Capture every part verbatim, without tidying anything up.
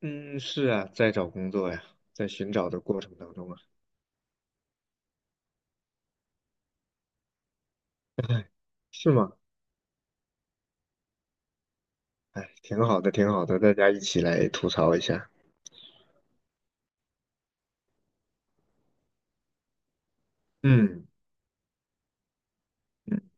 嗯，是啊，在找工作呀，在寻找的过程当中啊。哎，是吗？哎，挺好的，挺好的，大家一起来吐槽一下。嗯嗯，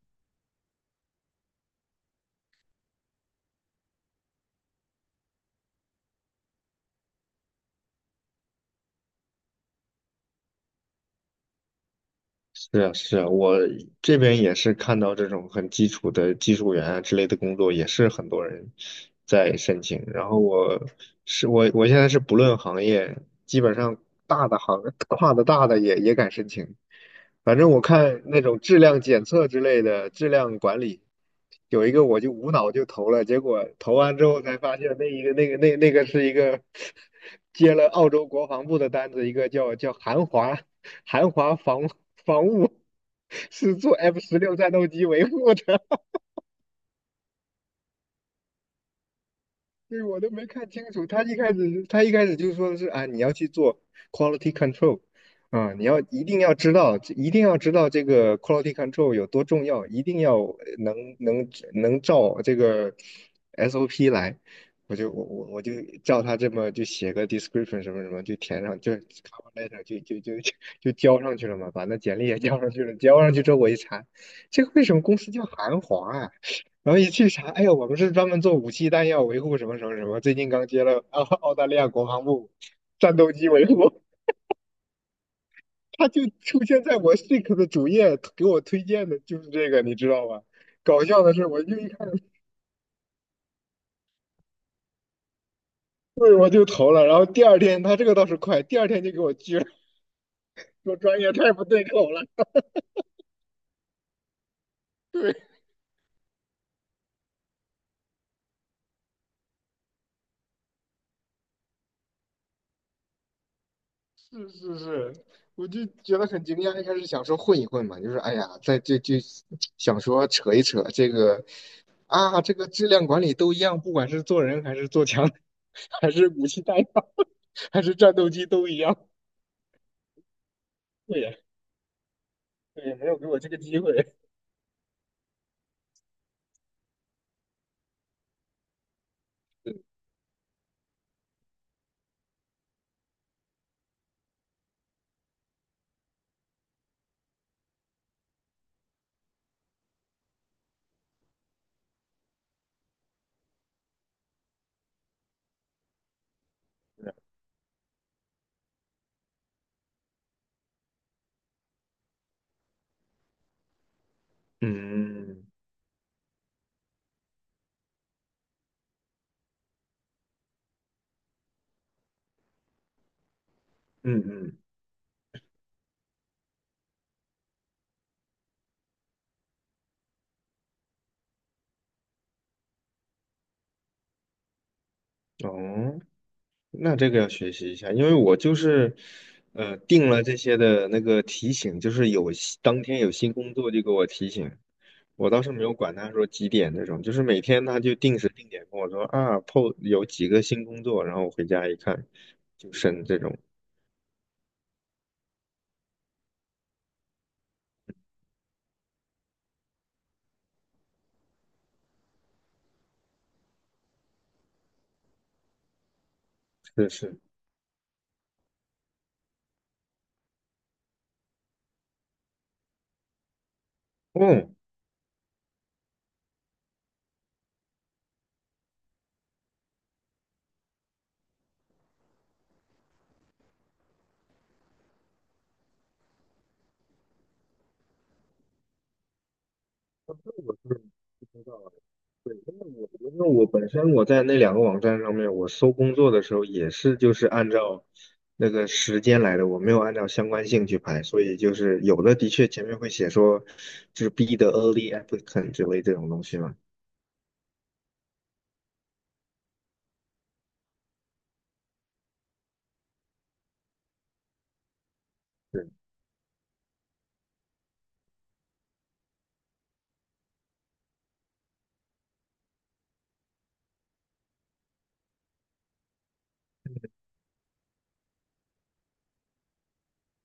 是啊，是啊。我这边也是看到这种很基础的技术员啊之类的工作，也是很多人在申请。然后我是我我现在是不论行业，基本上大的行 跨的大的也也敢申请。反正我看那种质量检测之类的质量管理，有一个我就无脑就投了，结果投完之后才发现那一个那个那那个是一个 接了澳洲国防部的单子，一个叫叫韩华。韩华防防务是做 F 十六战斗机维护的。对，我都没看清楚。他一开始，他一开始就说的是啊，你要去做 quality control。啊，你要一定要知道，一定要知道这个 quality control 有多重要，一定要呃能能能照这个 S O P 来。我就我我我就照他这么就写个 description 什么什么，就填上，就 cover letter 就就就就 就交上去了嘛，把那简历也交上去了。交上去之后我一查，这个为什么公司叫韩华啊？然后一去查，哎呀，我们是专门做武器弹药维护什么什么什么，最近刚接了澳澳大利亚国防部战斗机维护。他就出现在我 Seek 的主页，给我推荐的就是这个，你知道吧？搞笑的是，我就一看，对，我就投了。然后第二天他这个倒是快，第二天就给我拒了，说专业太不对口了。对，是是是，我就觉得很惊讶。一开始想说混一混嘛，就是哎呀，在就就想说扯一扯这个啊，这个质量管理都一样，不管是做人还是做枪，还是武器弹药，还是战斗机都一样。对呀，对，没有给我这个机会。嗯嗯嗯。哦，那这个要学习一下，因为我就是，呃，定了这些的那个提醒，就是有新当天有新工作就给我提醒。我倒是没有管他说几点那种，就是每天他就定时定点跟我说啊 p O 有几个新工作，然后我回家一看，就剩这种。是是。哦，我真的不知道啊。对，因为我因为我本身我在那两个网站上面，我搜工作的时候也是就是按照那个时间来的，我没有按照相关性去排，所以就是有的的确前面会写说就是 be the early applicant 之类这种东西嘛。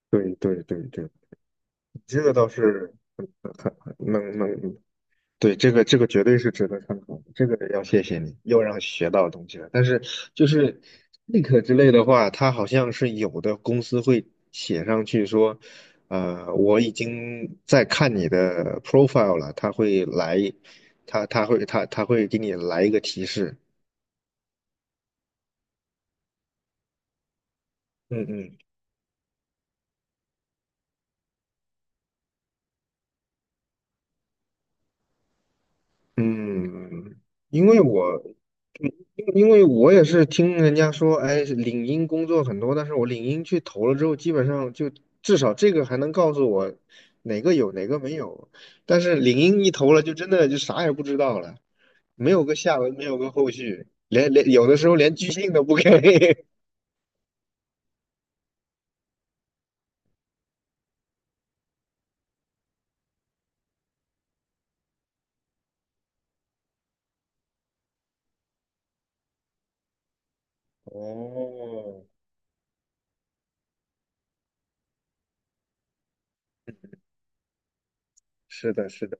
对对对对对，这个倒是能能对。这个这个绝对是值得参考的，这个要谢谢你，又让我学到东西了。但是就是 Link 之类的话，它好像是有的公司会写上去说，呃，我已经在看你的 profile 了，他会来，他他会他他会给你来一个提示。嗯嗯。嗯，因为我，嗯因因为我也是听人家说，哎，领英工作很多，但是我领英去投了之后，基本上就至少这个还能告诉我哪个有哪个没有，但是领英一投了，就真的就啥也不知道了，没有个下文，没有个后续，连连有的时候连拒信都不给。哦，是的，是的，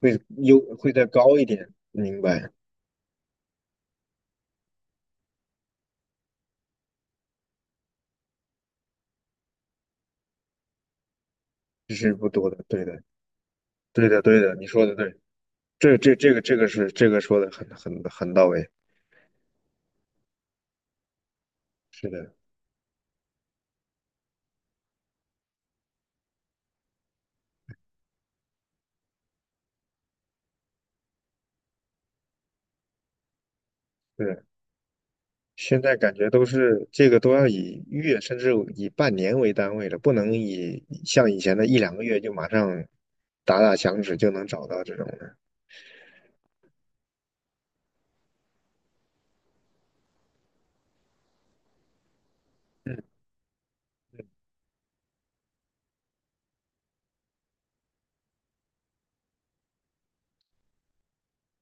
会优会再高一点，明白。这是不多的，对的，对的，对的，你说的对。这这这个这个是这个说的很很很到位，是的。对，现在感觉都是这个都要以月甚至以半年为单位了，不能以像以前的一两个月就马上打打响指就能找到这种的。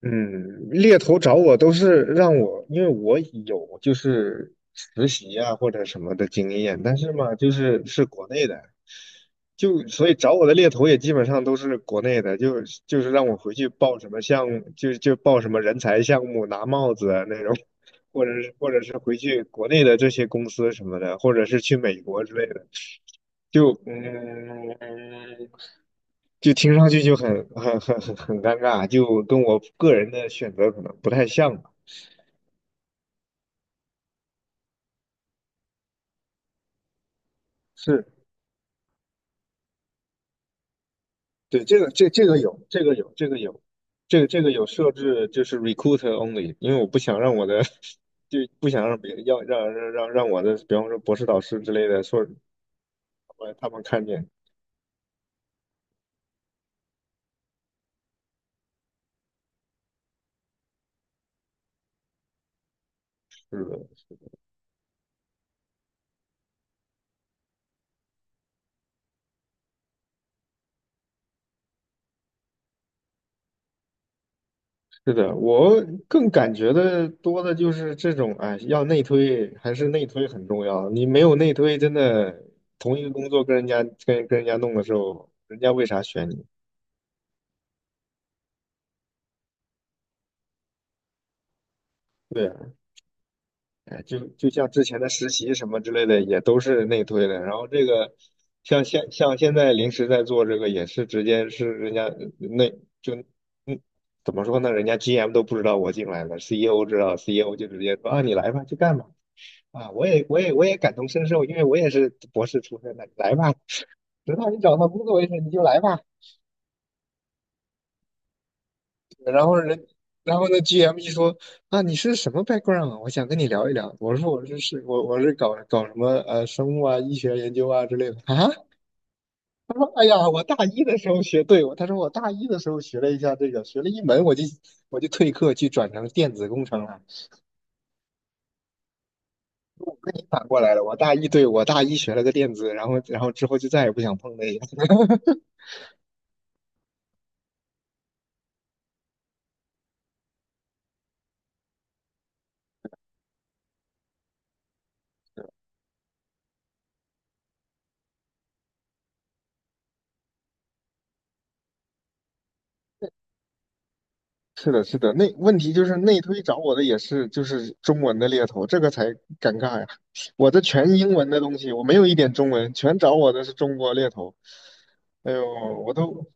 嗯，猎头找我都是让我，因为我有就是实习啊或者什么的经验，但是嘛，就是是国内的，就所以找我的猎头也基本上都是国内的，就就是让我回去报什么项目，就就报什么人才项目拿帽子啊那种，或者是或者是回去国内的这些公司什么的，或者是去美国之类的，就嗯。就听上去就很很很很很尴尬，就跟我个人的选择可能不太像吧。是，对，这个这这个有，这个有，这个有。这个这个有设置就是 r e c r u i t only,因为我不想让我的 就不想让别要让让让让我的，比方说博士导师之类的说他们看见。是的，是的，我更感觉的多的就是这种，哎，要内推还是内推很重要。你没有内推，真的同一个工作跟人家跟跟人家弄的时候，人家为啥选你？对啊，哎，就就像之前的实习什么之类的，也都是内推的。然后这个像现像现在临时在做这个，也是直接是人家内就嗯怎么说呢？人家 G M 都不知道我进来了，C E O 知道，C E O 就直接说啊，你来吧，去干吧。啊，我也我也我也感同身受，因为我也是博士出身的，你来吧，直到你找到工作为止，你就来吧。然后人，然后呢，G M 一说啊，你是什么 background 啊我想跟你聊一聊。我说我是是，我我是搞搞什么呃生物啊、医学研究啊之类的啊。哎呀，我大一的时候学，对，我他说我大一的时候学了一下这个，学了一门我就我就退课去转成电子工程了，反过来了。我大一对我大一学了个电子，然后然后之后就再也不想碰那。是的，是的，那问题就是内推找我的也是就是中文的猎头，这个才尴尬呀。我的全英文的东西，我没有一点中文，全找我的是中国猎头。哎呦，我都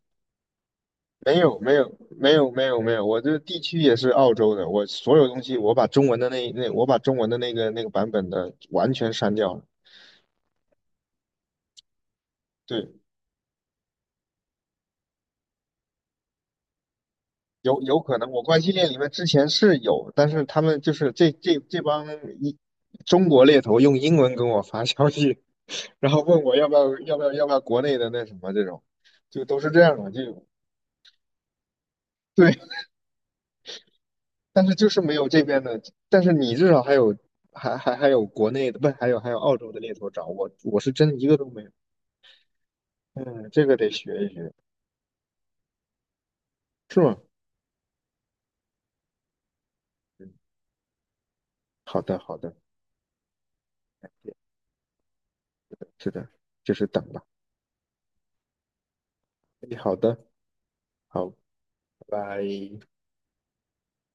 没有，没有，没有，没有，没有。我这地区也是澳洲的，我所有东西我把中文的那那我把中文的那个那个版本的完全删掉了。对，有有可能我关系链里面之前是有，但是他们就是这这这帮一中国猎头用英文跟我发消息，然后问我要不要要不要要不要国内的那什么这种，就都是这样的，就对。但是就是没有这边的，但是你至少还有还还还有国内的，不，还有还有澳洲的猎头找我，我是真的一个都没有。嗯，这个得学一学。是吗？嗯，好的好的，是的，就是等吧。哎，好的，好，拜拜。